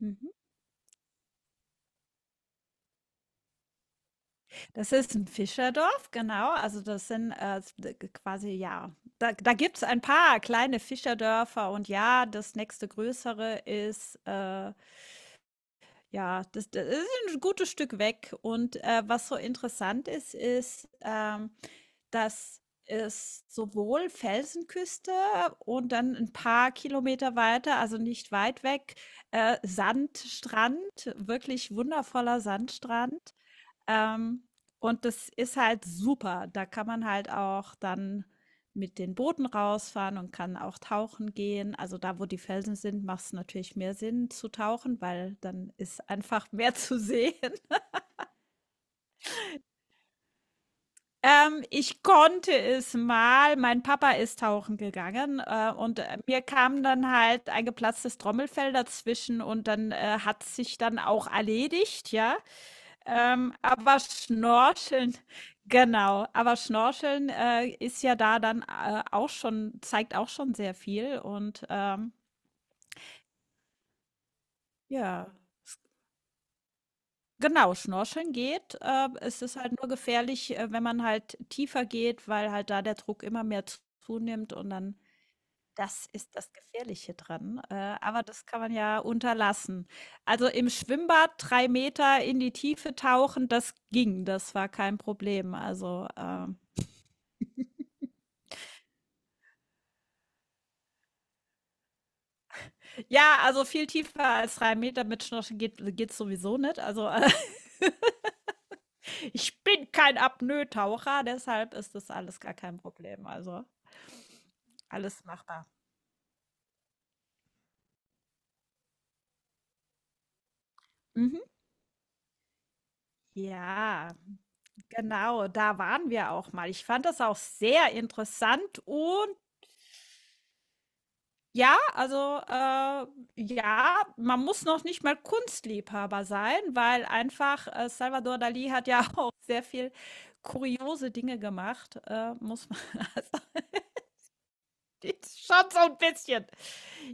Mhm. Das ist 'n Fischerdorf, genau. Also, das sind, s d g quasi ja, da gibt's ein paar kleine Fischerdörfer und ja, das nächste größere ist, ja, das ist ein gutes Stück weg. Und was so interessant ist, ist, dass es sowohl Felsenküste und dann ein paar Kilometer weiter, also nicht weit weg, Sandstrand, wirklich wundervoller Sandstrand. Ähm, und das ist halt super. Da kann man halt auch dann mit den Booten rausfahren und kann auch tauchen gehen. Also da, wo die Felsen sind, macht es natürlich mehr Sinn zu tauchen, weil dann ist einfach mehr zu sehen. Ich konnte es mal. Mein Papa ist tauchen gegangen, und mir kam dann halt ein geplatztes Trommelfell dazwischen und dann hat sich dann auch erledigt, ja. Aber Schnorcheln, genau. Aber Schnorcheln ist ja da dann auch schon, zeigt auch schon sehr viel. Und ja, s- genau, Schnorcheln geht. Es ist halt nur gefährlich, wenn man halt tiefer geht, weil halt da der Druck immer mehr zunimmt und dann. Das ist das Gefährliche dran. Aber das kann man ja unterlassen. Also im Schwimmbad 3 Meter in die Tiefe tauchen, das ging, das war kein Problem. Also. Ja, also viel tiefer als 3 Meter mit Schnorchel geht's sowieso nicht. Also, ich bin kein Apnoe-Taucher, deshalb ist das alles gar kein Problem. Also, alles machbar. Mhm. Ja, genau, da waren wir auch mal. Ich fand das auch sehr interessant und ja, also, ja, man muss noch nicht mal Kunstliebhaber sein, weil einfach, Salvador Dali hat ja auch sehr viel kuriose Dinge gemacht, muss man. Schon so ein bisschen.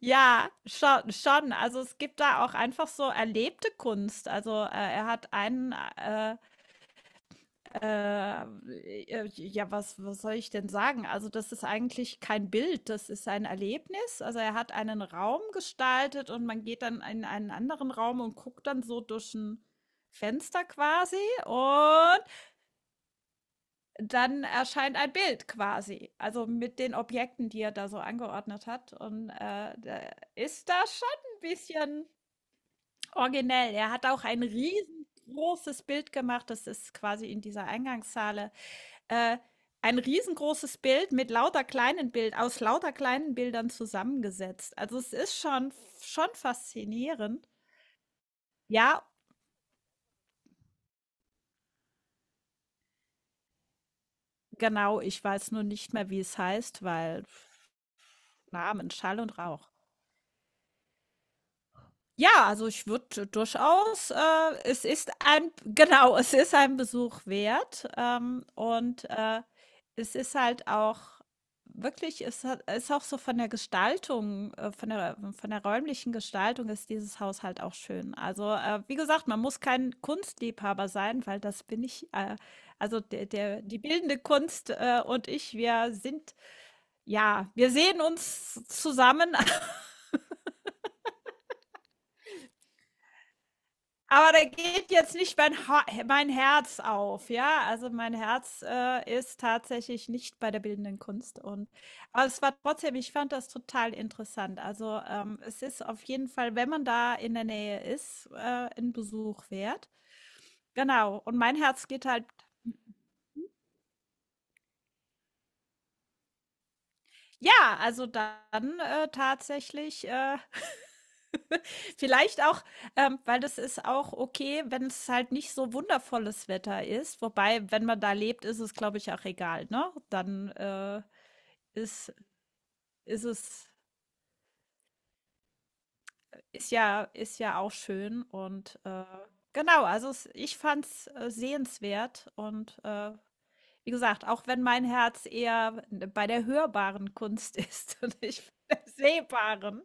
Ja, schon schon. Also, es gibt da auch einfach so erlebte Kunst. Also, er hat einen, äh, ja, was soll ich denn sagen? Also, das ist eigentlich kein Bild, das ist ein Erlebnis. Also, er hat einen Raum gestaltet und man geht dann in einen anderen Raum und guckt dann so durch ein Fenster quasi und dann erscheint ein Bild quasi, also mit den Objekten, die er da so angeordnet hat. Und da ist da schon ein bisschen originell. Er hat auch ein riesengroßes Bild gemacht, das ist quasi in dieser Eingangshalle. Äh, ein riesengroßes Bild mit lauter kleinen Bild, aus lauter kleinen Bildern zusammengesetzt. Also es ist schon, schon faszinierend. Ja, genau, ich weiß nur nicht mehr, wie es heißt, weil Namen, Schall und Rauch. Ja, also ich würde durchaus es ist ein genau, es ist ein Besuch wert, und, es ist halt auch wirklich es hat ist auch so von der Gestaltung von der räumlichen Gestaltung ist dieses Haus halt auch schön. Also, wie gesagt, man muss kein Kunstliebhaber sein, weil das bin ich, also der die bildende Kunst, und ich, wir sind ja, wir sehen uns zusammen. Aber da geht jetzt nicht mein Herz auf, ja? Also mein Herz ist tatsächlich nicht bei der bildenden Kunst. Und, aber es war trotzdem, ich fand das total interessant. Also es ist auf jeden Fall, wenn man da in der Nähe ist, ein Besuch wert. Genau. Und mein Herz geht halt. Ja, also dann, tatsächlich, vielleicht auch weil das ist auch okay, wenn es halt nicht so wundervolles Wetter ist. Wobei, wenn man da lebt, ist es, glaube ich, auch egal, ne? Dann, ist ist es ist ja auch schön und, genau, also es ich fand's, sehenswert und, wie gesagt, auch wenn mein Herz eher bei der hörbaren Kunst ist und nicht bei der sehbaren.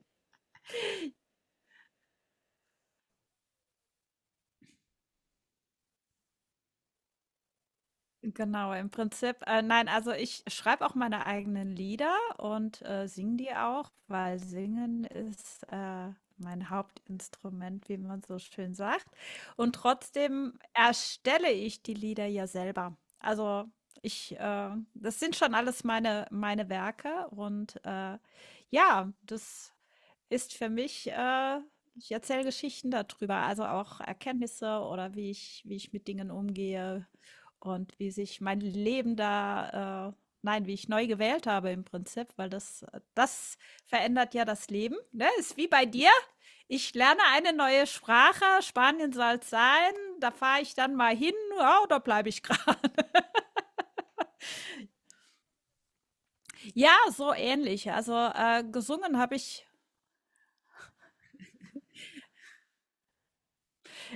Genau, im Prinzip, nein, also ich schreibe auch meine eigenen Lieder und singe die auch, weil Singen ist mein Hauptinstrument, wie man so schön sagt. Und trotzdem erstelle ich die Lieder ja selber. Also ich, das sind schon alles meine, Werke und ja, das ist für mich, ich erzähle Geschichten darüber, also auch Erkenntnisse oder wie ich mit Dingen umgehe und wie sich mein Leben da, nein, wie ich neu gewählt habe im Prinzip, weil das verändert ja das Leben. Ne? Ist wie bei dir. Ich lerne eine neue Sprache, Spanien soll es sein, da fahre ich dann mal hin, ja, oder bleibe ich gerade? Ja, so ähnlich. Also gesungen habe ich.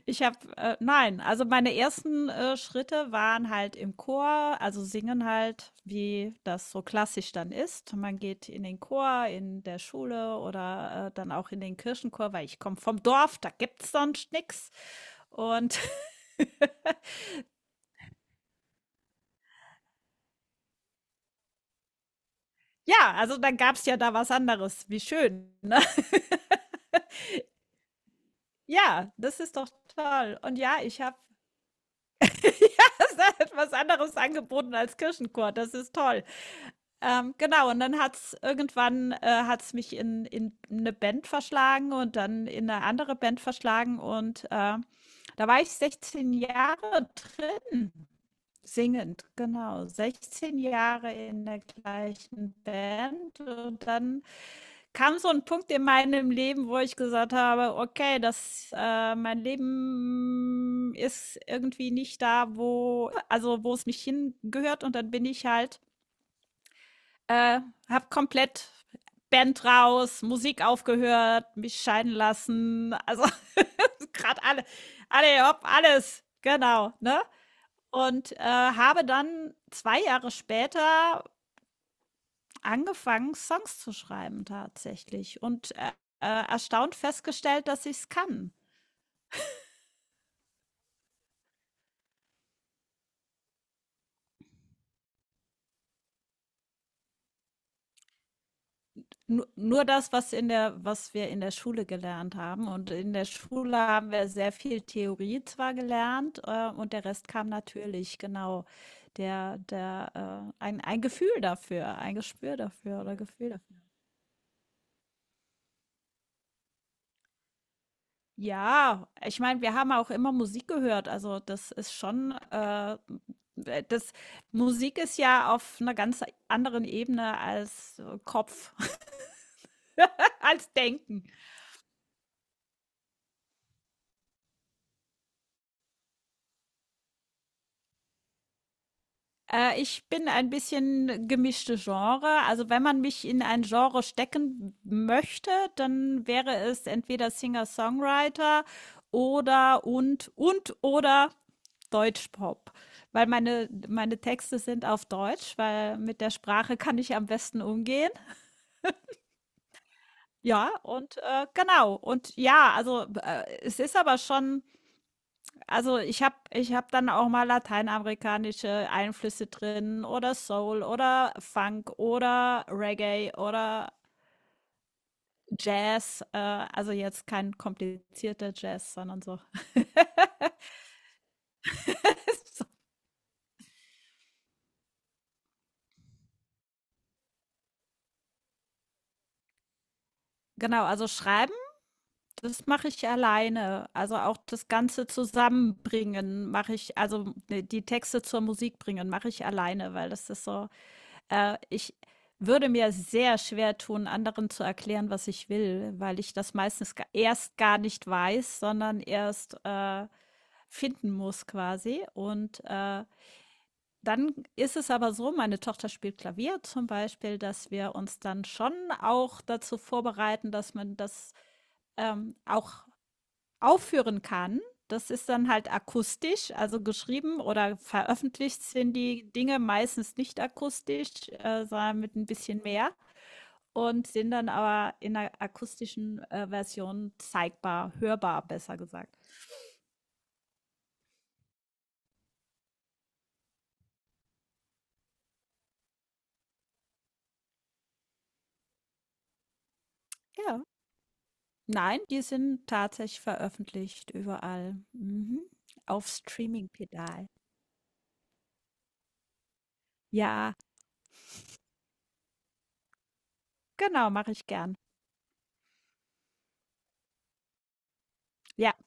Ich habe, nein, also meine ersten Schritte waren halt im Chor, also singen halt, wie das so klassisch dann ist. Man geht in den Chor, in der Schule oder dann auch in den Kirchenchor, weil ich komme vom Dorf, da gibt's sonst nix. Und ja, also dann gab's ja da was anderes. Wie schön, ne? Ja, das ist doch toll. Und ja, ich habe ja, es hat was anderes angeboten als Kirchenchor. Das ist toll. Genau, und dann hat's irgendwann hat's mich in eine Band verschlagen und dann in eine andere Band verschlagen und, da war ich 16 Jahre drin, singend, genau. 16 Jahre in der gleichen Band und dann kam so ein Punkt in meinem Leben, wo ich gesagt habe: „Okay, das mein Leben ist irgendwie nicht da, wo also, wo es mich hingehört.“ Und dann bin ich halt äh, habe komplett Band raus, Musik aufgehört, mich scheiden lassen. Also gerade alle, alle, hopp, alles. Genau, ne? Und habe dann 2 Jahre später angefangen, Songs zu schreiben tatsächlich. Und erstaunt festgestellt, dass ich es kann. Nur das, was in der was wir in der Schule gelernt haben. Und in der Schule haben wir sehr viel Theorie zwar gelernt, und der Rest kam natürlich, genau. Ein Gefühl dafür, ein Gespür dafür oder Gefühl dafür. Ja, ich meine, wir haben auch immer Musik gehört. Also das ist schon, das Musik ist ja auf einer ganz anderen Ebene als Kopf, als Denken. Ich bin ein bisschen gemischte Genre. Also wenn man mich in ein Genre stecken möchte, dann wäre es entweder Singer-Songwriter oder und oder Deutschpop. Weil meine, Texte sind auf Deutsch, weil mit der Sprache kann ich am besten umgehen. Ja, und genau. Und ja, also es ist aber schon. Also, ich habe dann auch mal lateinamerikanische Einflüsse drin oder Soul oder Funk oder Reggae oder Jazz, also jetzt kein komplizierter Jazz, sondern so. Genau, also schreiben, das mache ich alleine. Also auch das Ganze zusammenbringen mache ich, also ne, die Texte zur Musik bringen mache ich alleine, weil das ist so. Ich würde mir sehr schwer tun, anderen zu erklären, was ich will, weil ich das meistens erst gar nicht weiß, sondern erst finden muss quasi. Und dann ist es aber so, meine Tochter spielt Klavier zum Beispiel, dass wir uns dann schon auch dazu vorbereiten, dass man das auch aufführen kann. Das ist dann halt akustisch, also geschrieben oder veröffentlicht sind die Dinge meistens nicht akustisch, sondern mit ein bisschen mehr und sind dann aber in der akustischen Version zeigbar, hörbar, besser gesagt. Ja. Nein, die sind tatsächlich veröffentlicht überall. Mhm. Auf Streaming-Pedal. Ja, genau, mache ich gern. Ja.